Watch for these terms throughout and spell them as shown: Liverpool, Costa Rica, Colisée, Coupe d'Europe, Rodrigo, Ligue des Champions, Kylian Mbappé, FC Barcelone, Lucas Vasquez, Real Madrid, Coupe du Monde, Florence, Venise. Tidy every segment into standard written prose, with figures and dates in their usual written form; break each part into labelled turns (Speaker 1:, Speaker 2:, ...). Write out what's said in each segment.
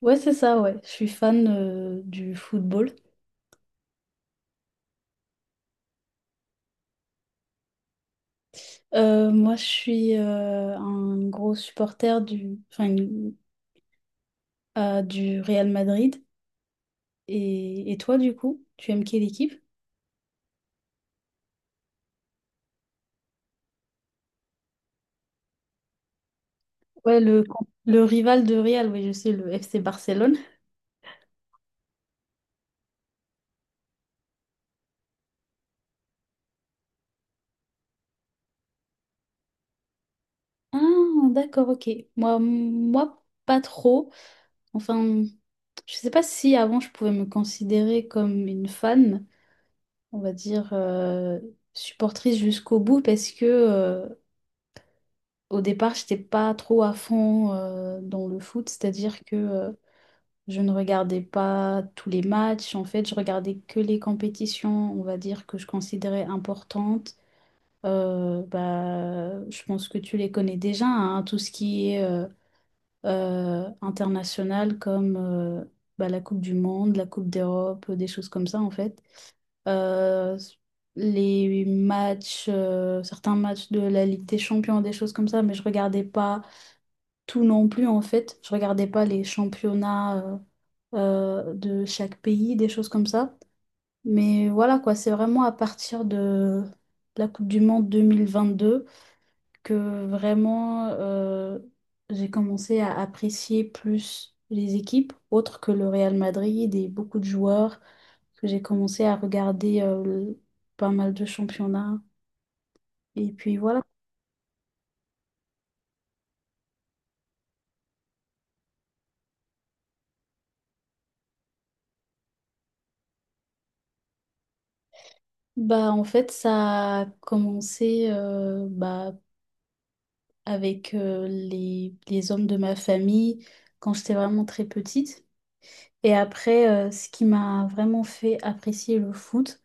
Speaker 1: Ouais, c'est ça, ouais. Je suis fan du football. Moi, je suis un gros supporter du, enfin, du Real Madrid. Et toi, du coup, tu aimes quelle équipe? Ouais, le rival de Real, oui, je sais, le FC Barcelone. Ah, d'accord, ok. Moi, pas trop. Enfin, je sais pas si avant je pouvais me considérer comme une fan, on va dire supportrice jusqu'au bout, parce que au départ, j'étais pas trop à fond dans le foot, c'est-à-dire que je ne regardais pas tous les matchs. En fait, je regardais que les compétitions, on va dire, que je considérais importantes. Bah, je pense que tu les connais déjà, hein, tout ce qui est international comme bah, la Coupe du Monde, la Coupe d'Europe, des choses comme ça, en fait. Euh, les matchs, certains matchs de la Ligue des Champions, des choses comme ça, mais je regardais pas tout non plus en fait. Je regardais pas les championnats euh, de chaque pays, des choses comme ça. Mais voilà quoi, c'est vraiment à partir de la Coupe du Monde 2022 que vraiment j'ai commencé à apprécier plus les équipes autres que le Real Madrid et beaucoup de joueurs, que j'ai commencé à regarder pas mal de championnats. Et puis voilà. Bah, en fait, ça a commencé bah, avec les hommes de ma famille quand j'étais vraiment très petite. Et après, ce qui m'a vraiment fait apprécier le foot,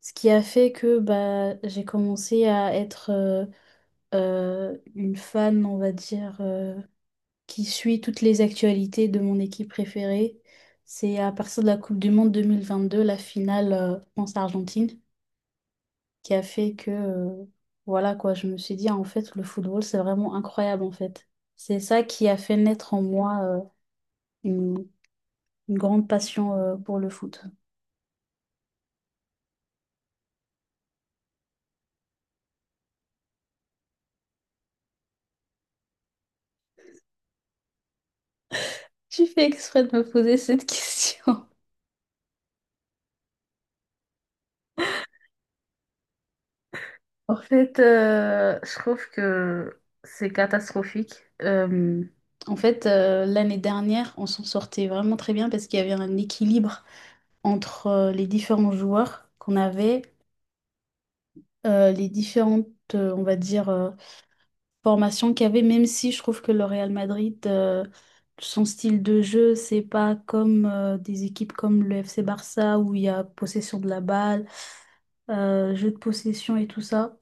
Speaker 1: ce qui a fait que bah, j'ai commencé à être une fan, on va dire, qui suit toutes les actualités de mon équipe préférée. C'est à partir de la Coupe du Monde 2022, la finale France-Argentine qui a fait que, voilà quoi, je me suis dit, ah, en fait, le football, c'est vraiment incroyable, en fait. C'est ça qui a fait naître en moi, une, une grande passion, pour le foot. Tu fais exprès de me poser cette question. En fait, je trouve que c'est catastrophique. Euh, En fait, l'année dernière, on s'en sortait vraiment très bien parce qu'il y avait un équilibre entre les différents joueurs qu'on avait, les différentes, on va dire, formation qu'il y avait, même si je trouve que le Real Madrid, son style de jeu, c'est pas comme des équipes comme le FC Barça où il y a possession de la balle, jeu de possession et tout ça.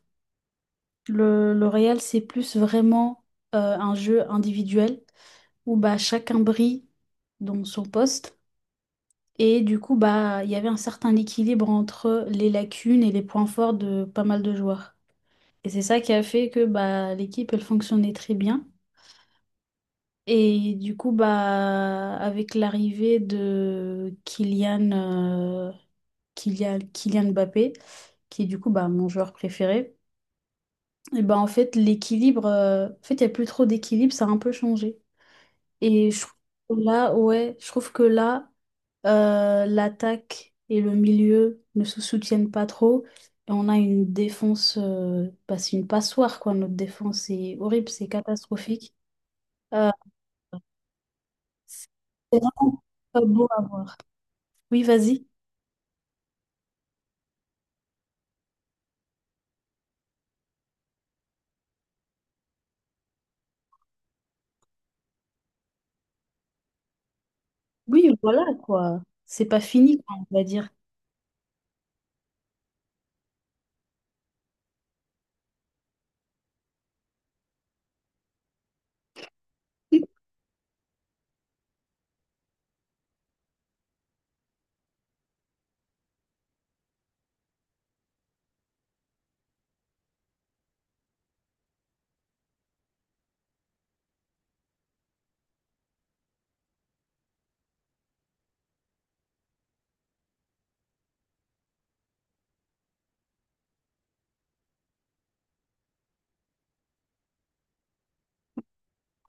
Speaker 1: Le Real, c'est plus vraiment un jeu individuel où bah, chacun brille dans son poste. Et du coup, bah, il y avait un certain équilibre entre les lacunes et les points forts de pas mal de joueurs. Et c'est ça qui a fait que bah, l'équipe, elle fonctionnait très bien. Et du coup, bah, avec l'arrivée de Kylian, Kylian Mbappé, qui est du coup bah, mon joueur préféré, et bah en fait, l'équilibre, en fait, il n'y a plus trop d'équilibre, ça a un peu changé. Et je trouve que là, ouais, je trouve que là, l'attaque et le milieu ne se soutiennent pas trop. Et on a une défense, bah, c'est une passoire, quoi. Notre défense, c'est horrible, c'est catastrophique. Euh, c'est vraiment pas beau à voir. Oui, vas-y. Oui, voilà quoi. C'est pas fini, quoi, on va dire.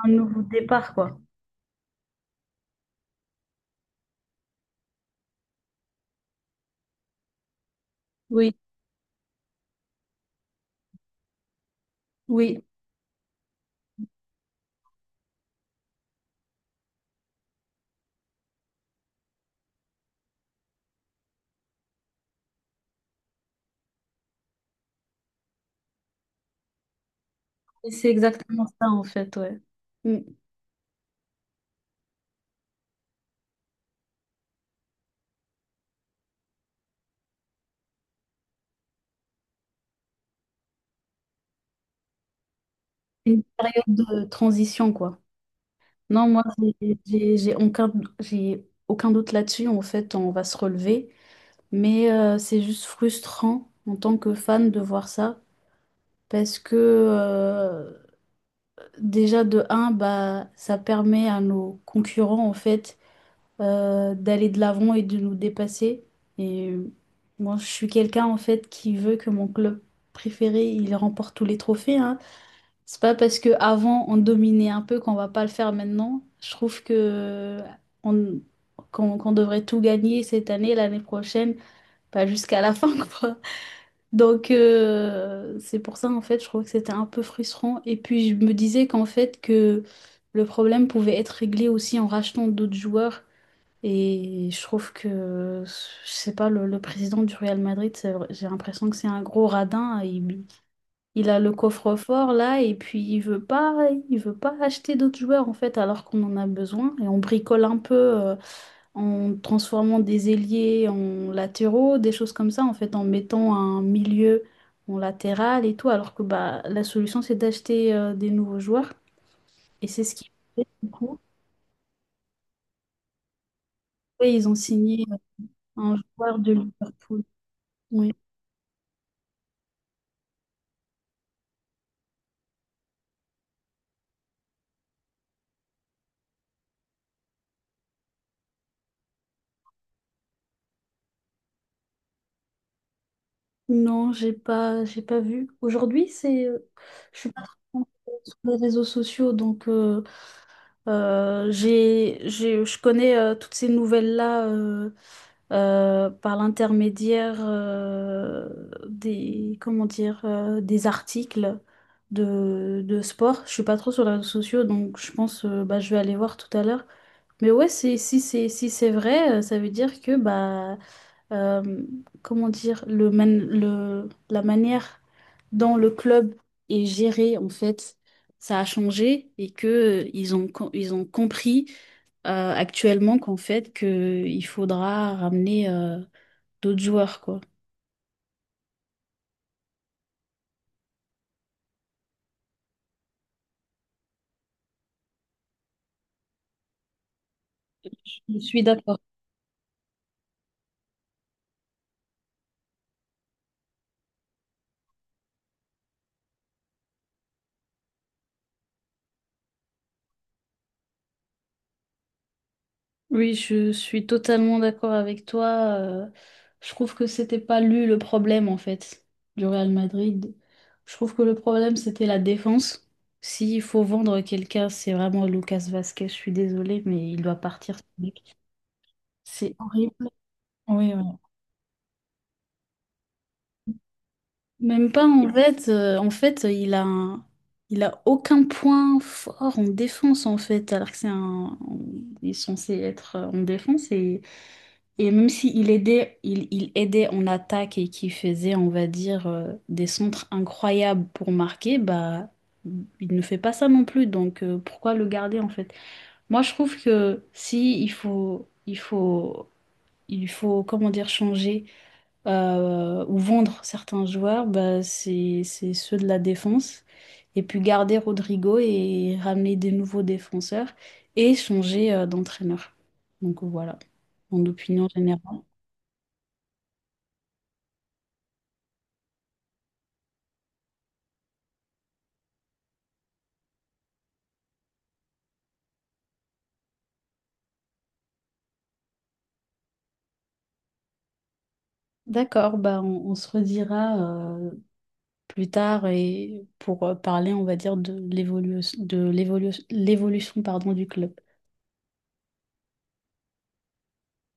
Speaker 1: Un nouveau départ, quoi. Oui, oui. Et c'est exactement ça, en fait, ouais. Mm. Une période de transition, quoi. Non, moi, j'ai j'ai- j'ai aucun, j'ai aucun doute là-dessus. En fait, on va se relever. Mais c'est juste frustrant en tant que fan de voir ça parce que déjà de un, bah, ça permet à nos concurrents en fait d'aller de l'avant et de nous dépasser. Et moi, je suis quelqu'un en fait qui veut que mon club préféré il remporte tous les trophées. Hein. C'est pas parce que avant on dominait un peu qu'on va pas le faire maintenant. Je trouve que on, qu'on qu'on devrait tout gagner cette année, l'année prochaine, pas jusqu'à la fin quoi. Donc c'est pour ça en fait je trouve que c'était un peu frustrant et puis je me disais qu'en fait que le problème pouvait être réglé aussi en rachetant d'autres joueurs et je trouve que je sais pas le, le président du Real Madrid j'ai l'impression que c'est un gros radin il a le coffre-fort là et puis il veut pas acheter d'autres joueurs en fait alors qu'on en a besoin et on bricole un peu en transformant des ailiers en latéraux, des choses comme ça, en fait, en mettant un milieu en latéral et tout, alors que bah, la solution, c'est d'acheter des nouveaux joueurs. Et c'est ce qu'ils ont fait, du coup. Et ils ont signé un joueur de Liverpool. Oui. Non, j'ai pas vu. Aujourd'hui, c'est, je suis pas trop sur les réseaux sociaux, donc je connais toutes ces nouvelles-là par l'intermédiaire des, comment dire, des articles de sport. Je suis pas trop sur les réseaux sociaux, donc je pense bah, je vais aller voir tout à l'heure. Mais ouais, c'est, si c'est vrai, ça veut dire que bah euh, comment dire, la manière dont le club est géré, en fait, ça a changé et que ils ont compris actuellement qu'en fait, que il faudra ramener d'autres joueurs, quoi. Je suis d'accord. Oui, je suis totalement d'accord avec toi. Je trouve que c'était pas lui le problème en fait du Real Madrid. Je trouve que le problème c'était la défense. S'il faut vendre quelqu'un, c'est vraiment Lucas Vasquez. Je suis désolée, mais il doit partir. Ce mec. C'est horrible. Oui, oui. Même pas en fait. En fait, il a aucun point fort en défense en fait, alors que c'est un, il est censé être en défense. Et même s'il aidait, il aidait en attaque et qui faisait, on va dire, des centres incroyables pour marquer, bah, il ne fait pas ça non plus. Donc, pourquoi le garder en fait? Moi, je trouve que si il faut, il faut, il faut, comment dire, changer ou vendre certains joueurs, bah, c'est ceux de la défense. Et puis garder Rodrigo et ramener des nouveaux défenseurs et changer d'entraîneur. Donc voilà, mon opinion générale. D'accord, bah on se redira euh, plus tard et pour parler, on va dire, de l'évolution de l'évolu- l'évolution pardon, du club.